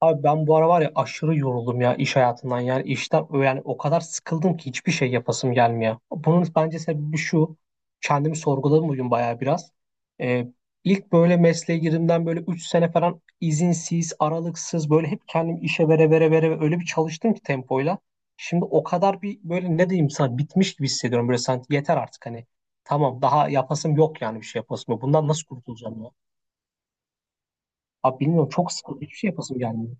Abi ben bu ara var ya aşırı yoruldum ya iş hayatından yani işten yani o kadar sıkıldım ki hiçbir şey yapasım gelmiyor. Bunun bence sebebi şu, kendimi sorguladım bugün bayağı biraz. Ee, ilk böyle mesleğe girdiğimden böyle 3 sene falan izinsiz aralıksız böyle hep kendimi işe vere vere vere vere öyle bir çalıştım ki tempoyla. Şimdi o kadar bir böyle ne diyeyim sana, bitmiş gibi hissediyorum böyle, sanki yeter artık hani. Tamam, daha yapasım yok yani bir şey yapasım yok. Bundan nasıl kurtulacağım ya? Abi bilmiyorum, çok sıkıldım, hiçbir şey yapasım gelmiyor.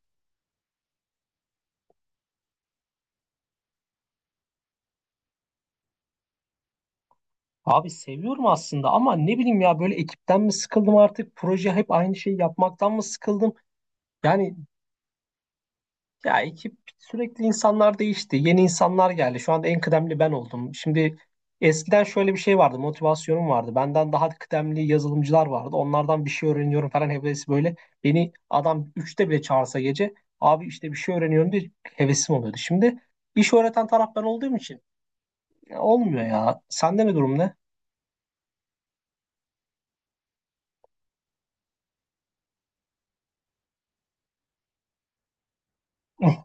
Abi seviyorum aslında ama ne bileyim ya, böyle ekipten mi sıkıldım artık, proje hep aynı şeyi yapmaktan mı sıkıldım? Yani ya ekip sürekli, insanlar değişti, yeni insanlar geldi, şu anda en kıdemli ben oldum. Şimdi eskiden şöyle bir şey vardı, motivasyonum vardı, benden daha kıdemli yazılımcılar vardı, onlardan bir şey öğreniyorum falan hevesi böyle. Beni adam üçte bile çağırsa gece, abi işte bir şey öğreniyorum diye hevesim oluyordu. Şimdi iş öğreten taraf ben olduğum için ya olmuyor ya. Sende ne durum, ne?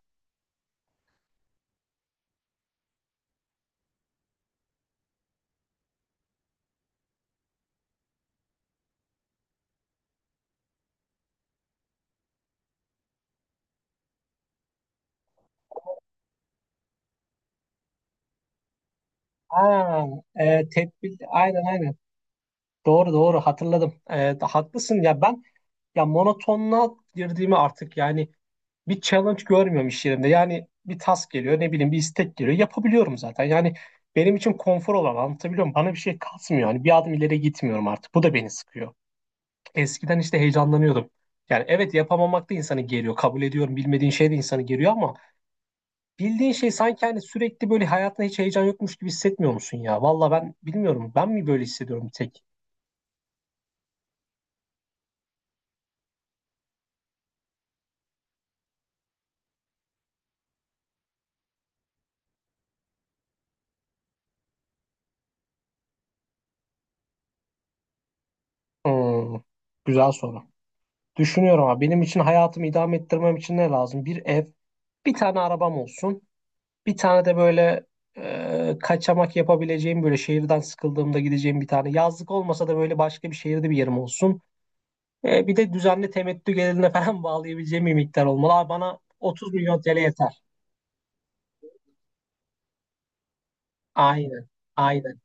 Ha, tedbir, aynen aynen, doğru doğru, hatırladım. Haklısın ya. Ben ya monotonluğa girdiğimi artık, yani bir challenge görmüyorum iş yerinde, yani bir task geliyor, ne bileyim bir istek geliyor, yapabiliyorum zaten yani, benim için konfor olan, anlatabiliyor muyum, bana bir şey kasmıyor yani, bir adım ileri gitmiyorum artık, bu da beni sıkıyor. Eskiden işte heyecanlanıyordum, yani evet, yapamamak da insanı geriyor, kabul ediyorum, bilmediğin şey de insanı geriyor ama bildiğin şey sanki hani, sürekli böyle hayatta hiç heyecan yokmuş gibi hissetmiyor musun ya? Valla ben bilmiyorum. Ben mi böyle hissediyorum bir tek? Hmm, güzel soru. Düşünüyorum ama, benim için hayatımı idame ettirmem için ne lazım? Bir ev, bir tane arabam olsun. Bir tane de böyle, kaçamak yapabileceğim, böyle şehirden sıkıldığımda gideceğim bir tane. Yazlık olmasa da böyle başka bir şehirde bir yerim olsun. Bir de düzenli temettü gelirine falan bağlayabileceğim bir miktar olmalı. Abi bana 30 milyon TL yeter. Aynen. Aynen.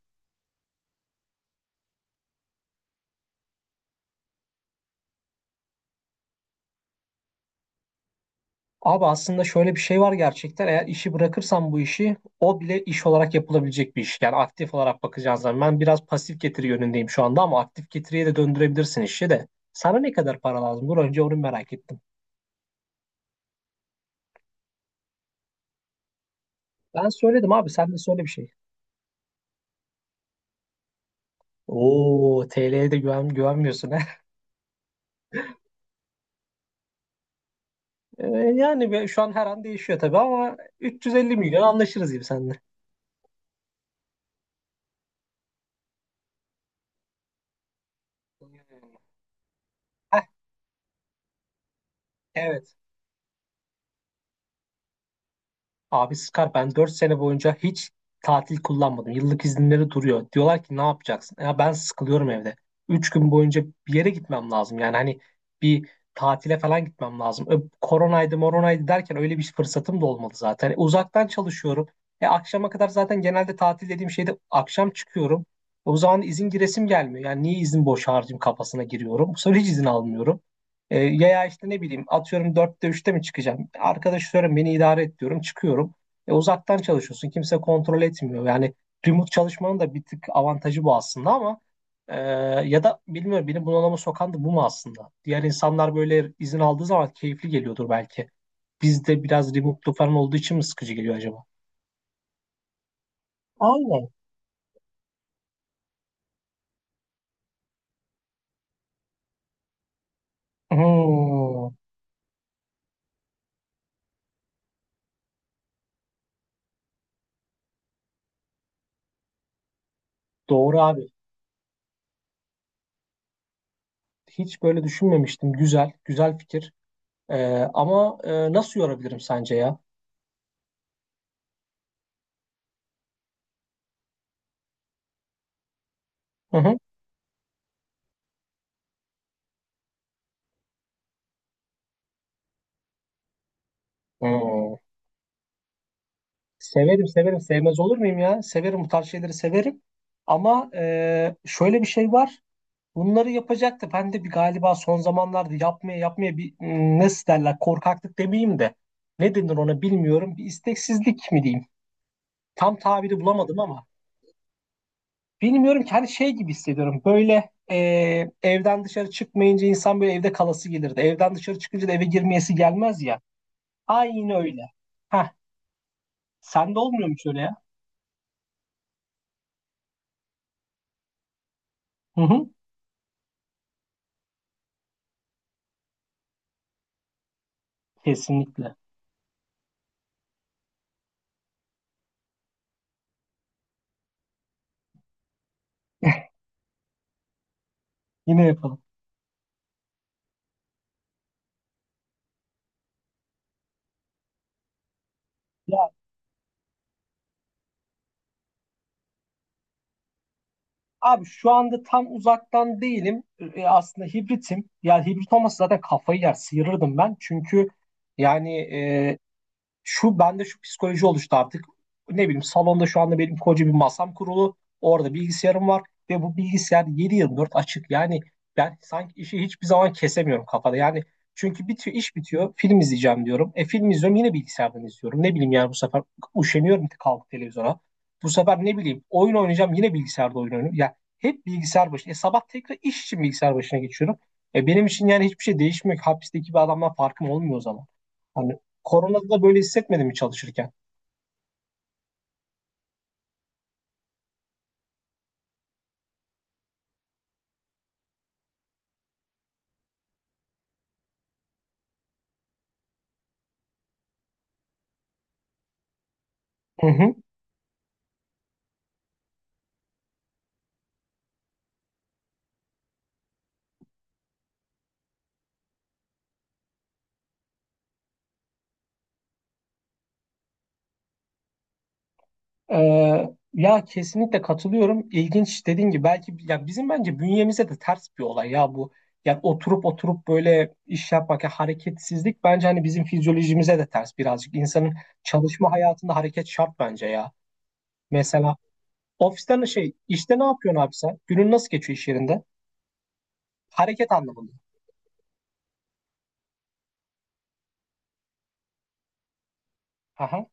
Abi aslında şöyle bir şey var gerçekten. Eğer işi bırakırsam, bu işi o bile iş olarak yapılabilecek bir iş. Yani aktif olarak bakacağız zaman. Ben biraz pasif getiri yönündeyim şu anda ama aktif getiriye de döndürebilirsin işi de. Sana ne kadar para lazım? Dur önce onu merak ettim. Ben söyledim abi, sen de söyle bir şey. Oo, TL'ye de güvenmiyorsun he. Ee, yani şu an her an değişiyor tabii ama 350 milyon anlaşırız gibi seninle. Heh, evet. Abi Scar, ben 4 sene boyunca hiç tatil kullanmadım. Yıllık izinleri duruyor. Diyorlar ki ne yapacaksın? Ya ben sıkılıyorum evde. 3 gün boyunca bir yere gitmem lazım. Yani hani bir tatile falan gitmem lazım. Koronaydı moronaydı derken öyle bir fırsatım da olmadı zaten. Uzaktan çalışıyorum. Akşama kadar zaten, genelde tatil dediğim şeyde akşam çıkıyorum. O zaman izin giresim gelmiyor. Yani niye izin boş harcayayım kafasına giriyorum. Bu sefer hiç izin almıyorum. Ya ya işte ne bileyim atıyorum, dörtte üçte mi çıkacağım? Arkadaş diyorum, beni idare et diyorum, çıkıyorum. Uzaktan çalışıyorsun, kimse kontrol etmiyor. Yani remote çalışmanın da bir tık avantajı bu aslında ama e, ya da bilmiyorum, beni bunalıma sokan da bu mu aslında? Diğer insanlar böyle izin aldığı zaman keyifli geliyordur belki. Bizde biraz remote'lu falan olduğu için mi sıkıcı geliyor acaba? Aynen. Hmm, doğru abi. Hiç böyle düşünmemiştim. Güzel, güzel fikir. E, ama nasıl yorabilirim sence ya? Hı hı. Hmm. Severim severim, sevmez olur muyum ya? Severim, bu tarz şeyleri severim. Ama şöyle bir şey var. Bunları yapacaktı. Ben de bir galiba son zamanlarda yapmaya yapmaya bir, nasıl derler, korkaklık demeyeyim de. Ne denir ona bilmiyorum. Bir isteksizlik mi diyeyim? Tam tabiri bulamadım ama. Bilmiyorum ki, hani şey gibi hissediyorum. Böyle evden dışarı çıkmayınca insan böyle evde kalası gelirdi. Evden dışarı çıkınca da eve girmeyesi gelmez ya. Aynı öyle. Heh, sende olmuyor mu hiç öyle ya? Hı hı, kesinlikle. Yine yapalım. Ya abi şu anda tam uzaktan değilim. Aslında hibritim. Yani hibrit olmasa zaten kafayı yer, sıyırırdım ben. Çünkü yani şu bende şu psikoloji oluştu artık. Ne bileyim, salonda şu anda benim koca bir masam kurulu. Orada bilgisayarım var ve bu bilgisayar 7 dört açık. Yani ben sanki işi hiçbir zaman kesemiyorum kafada. Yani çünkü bitiyor, iş bitiyor. Film izleyeceğim diyorum. Film izliyorum, yine bilgisayardan izliyorum. Ne bileyim yani, bu sefer üşeniyorum kalkıp televizyona. Bu sefer ne bileyim, oyun oynayacağım, yine bilgisayarda oyun oynuyorum. Ya hep bilgisayar başında. Sabah tekrar iş için bilgisayar başına geçiyorum. Benim için yani hiçbir şey değişmiyor ki. Hapisteki bir adamdan farkım olmuyor o zaman. Hani Koronada da böyle hissetmedin mi çalışırken? Hı hı. Ya kesinlikle katılıyorum. İlginç, dediğin gibi belki ya bizim bence bünyemize de ters bir olay ya bu. Yani oturup oturup böyle iş yapmak, ya hareketsizlik bence hani bizim fizyolojimize de ters birazcık. İnsanın çalışma hayatında hareket şart bence ya. Mesela ofisten şey, işte ne yapıyorsun abi sen? Günün nasıl geçiyor iş yerinde? Hareket anlamında. Aha.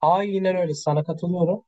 Aynen öyle, sana katılıyorum.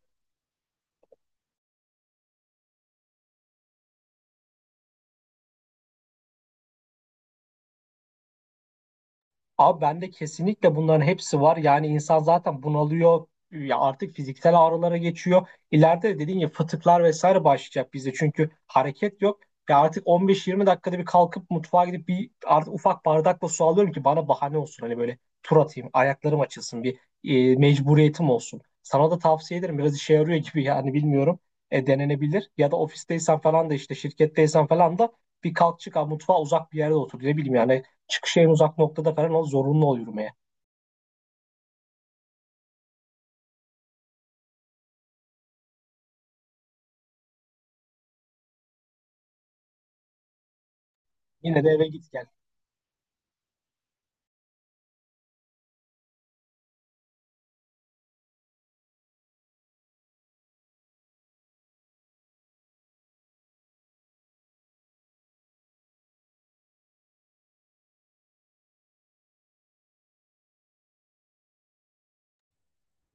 Abi bende kesinlikle bunların hepsi var. Yani insan zaten bunalıyor. Ya artık fiziksel ağrılara geçiyor. İleride de dediğin gibi fıtıklar vesaire başlayacak bizde. Çünkü hareket yok. Ya artık 15-20 dakikada bir kalkıp mutfağa gidip bir artık ufak bardakla su alıyorum ki bana bahane olsun. Hani böyle tur atayım, ayaklarım açılsın, bir mecburiyetim olsun. Sana da tavsiye ederim. Biraz işe yarıyor gibi yani bilmiyorum. Denenebilir. Ya da ofisteysen falan da, işte şirketteysen falan da, bir kalk çık abi, mutfağa uzak bir yerde otur. Ne bileyim yani, çıkışı en uzak noktada falan, o zorunlu ol yürümeye. Yine de eve git gel.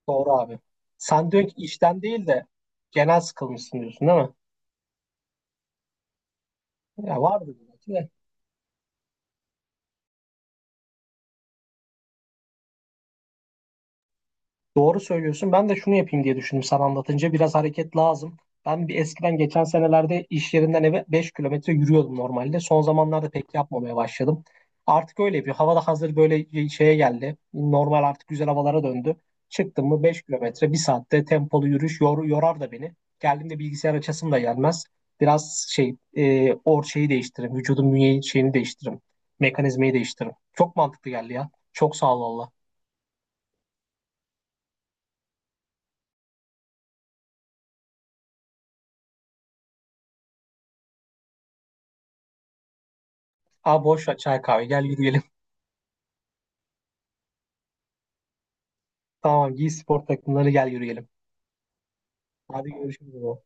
Doğru abi. Sen diyorsun ki işten değil de genel sıkılmışsın, diyorsun değil mi? Ya vardır belki de. Doğru söylüyorsun. Ben de şunu yapayım diye düşündüm sana anlatınca. Biraz hareket lazım. Ben bir eskiden, geçen senelerde iş yerinden eve 5 kilometre yürüyordum normalde. Son zamanlarda pek yapmamaya başladım. Artık öyle yapıyor. Hava da hazır böyle şeye geldi. Normal artık güzel havalara döndü. Çıktım mı 5 kilometre bir saatte tempolu yürüyüş, yorar da beni. Geldiğimde bilgisayar açasım da gelmez. Biraz şey, şeyi değiştiririm. Vücudun bünye şeyini değiştiririm. Mekanizmayı değiştiririm. Çok mantıklı geldi ya. Çok sağ ol valla. Aa boş ver, çay kahve, gel yürüyelim. Tamam, giy spor takımları, gel yürüyelim. Hadi görüşürüz. Baba.